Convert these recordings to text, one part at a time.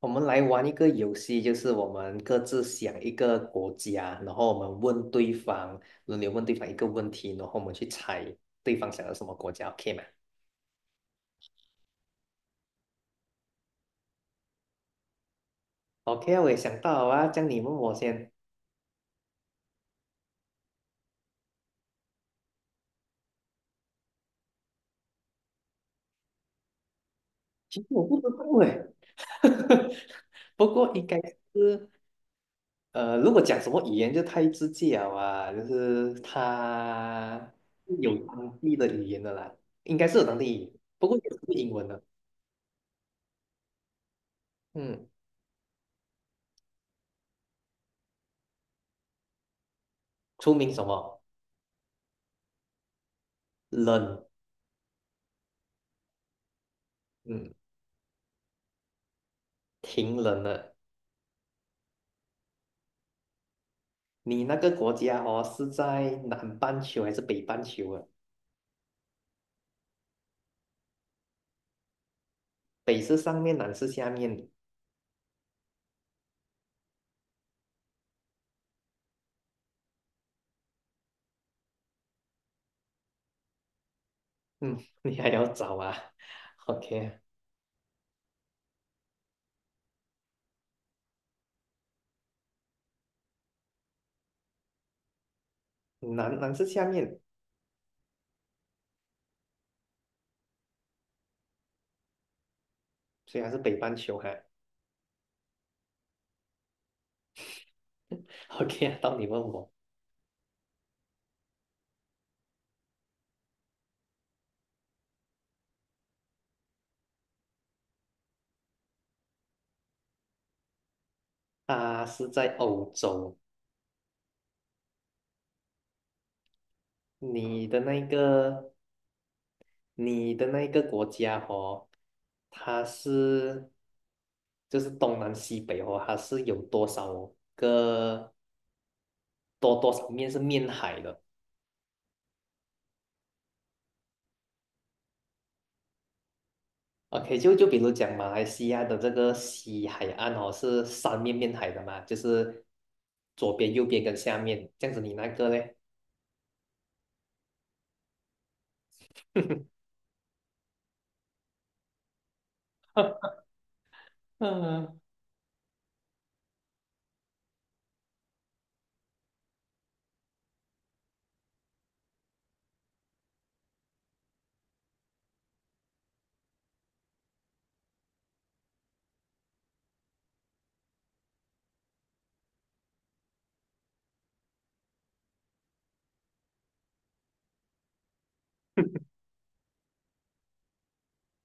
我们来玩一个游戏，就是我们各自想一个国家，然后我们问对方，轮流问对方一个问题，然后我们去猜对方想要什么国家，OK 吗？OK 啊，我也想到啊，这样你问我先。其实我不知道哎，不过应该是如果讲什么语言就太直接了啊，就是它有当地的语言的啦，应该是有当地语言不过也是英文的。嗯，出名什么冷？嗯，挺冷的。你那个国家哦，是在南半球还是北半球啊？北是上面，南是下面。嗯，你还要找啊？OK，啊南是下面，虽然是北半球哈、OK，啊到你问我，它是在欧洲。你的那个，你的那个国家哦，它是就是东南西北哦，它是有多少个多少面是面海的？OK，就比如讲马来西亚的这个西海岸哦，是三面面海的嘛，就是左边、右边跟下面这样子。你那个嘞，嗯，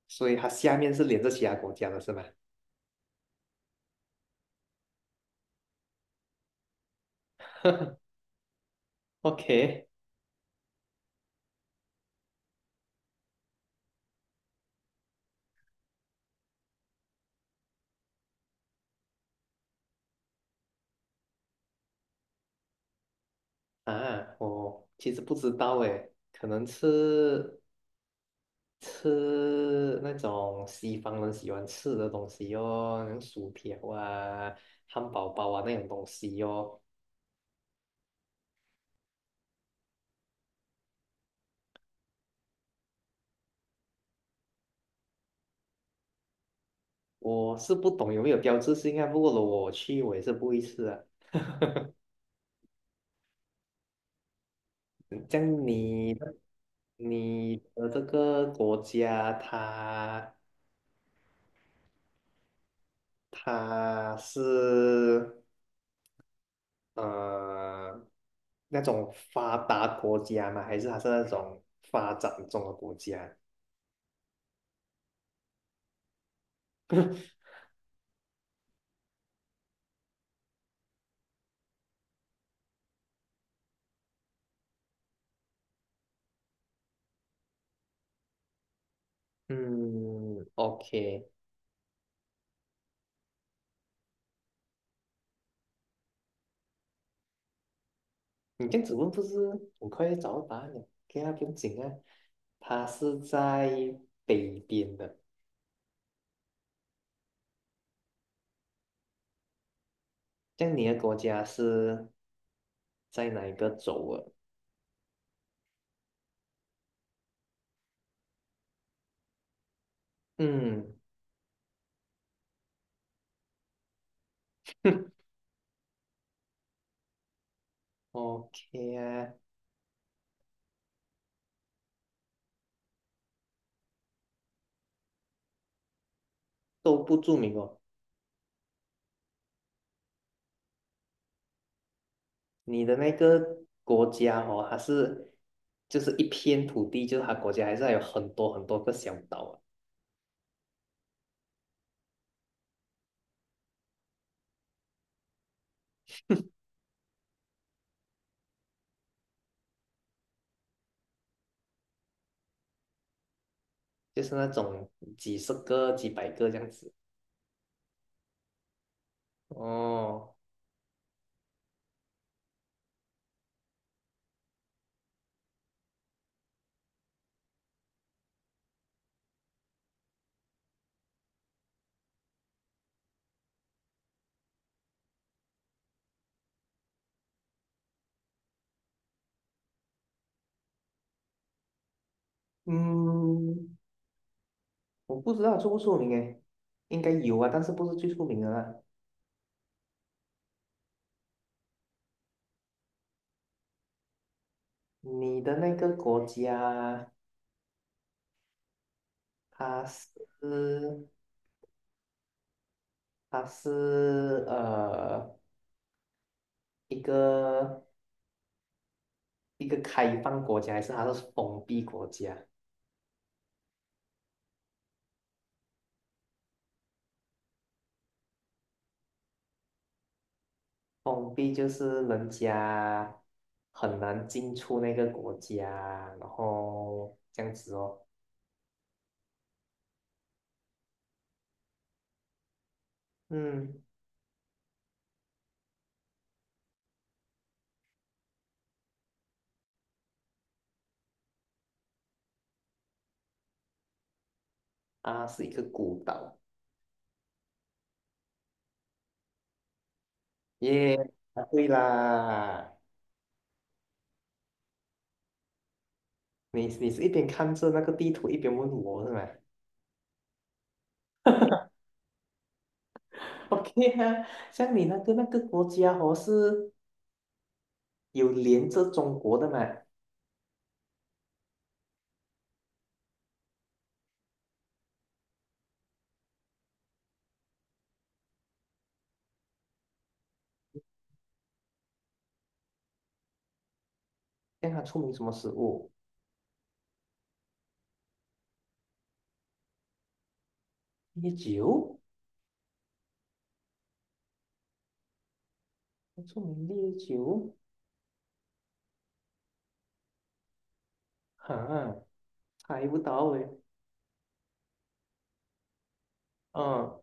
所以它下面是连着其他国家的是吗 ？OK，啊，我其实不知道诶，可能吃那种西方人喜欢吃的东西哦，那种薯条啊、汉堡包啊那种东西哦。我是不懂有没有标志性啊，不过如果我去，我也是不会吃啊。这样你的这个国家它，它是呃那种发达国家吗？还是它是那种发展中的国家？嗯，OK，你这样子问不是很快就找到答案了？OK 啊，不用紧啊，它是在北边的。这样你的国家是在哪一个州啊？嗯 ，OK 啊，都不著名哦。你的那个国家哦，它是就是一片土地，就是它国家还是还有很多很多个小岛啊，就是那种几十个、几百个这样子。哦，嗯，我不知道出不出名诶，应该有啊，但是不是最出名的啦。你的那个国家，它是？它是一个一个开放国家，还是它是封闭国家？封闭就是人家很难进出那个国家，然后这样子哦。嗯，啊，是一个孤岛。耶，啊，对啦！你是一边看着那个地图，一边问我是吗 ？OK 啊，像你那个国家哦，是有连着中国的嘛？像它出名什么食物？烈酒。著名烈酒，哈，猜不到嘞。嗯，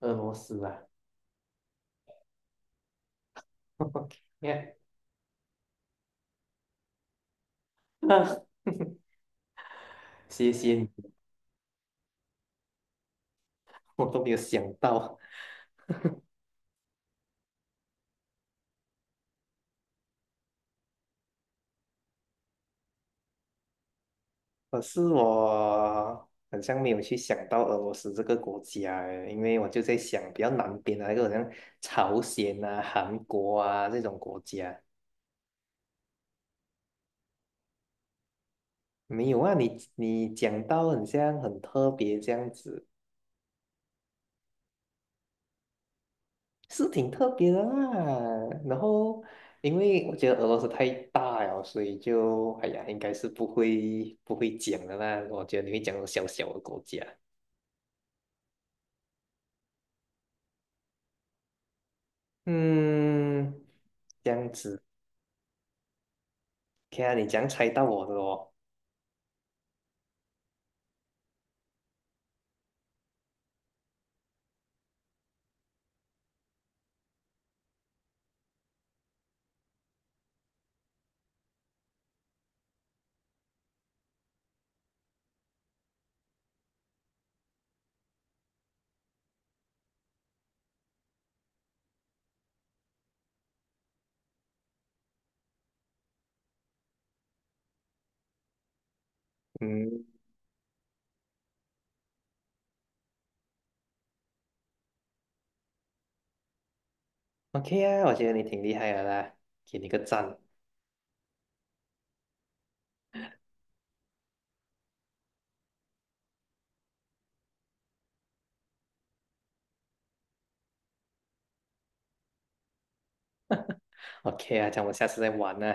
俄罗斯啊，你看，啊 谢谢你，我都没有想到。可是我好像没有去想到俄罗斯这个国家诶，因为我就在想比较南边的那个，好像朝鲜啊、韩国啊这种国家。没有啊，你讲到很像很特别这样子。是挺特别的啦。然后，因为我觉得俄罗斯太大了，所以就哎呀，应该是不会讲的啦。我觉得你会讲小小的国家。嗯，这样子，OK 啊，你这样猜到我的哦。嗯，OK 啊，我觉得你挺厉害的啦，给你个赞。OK 啊，这样我们下次再玩呢。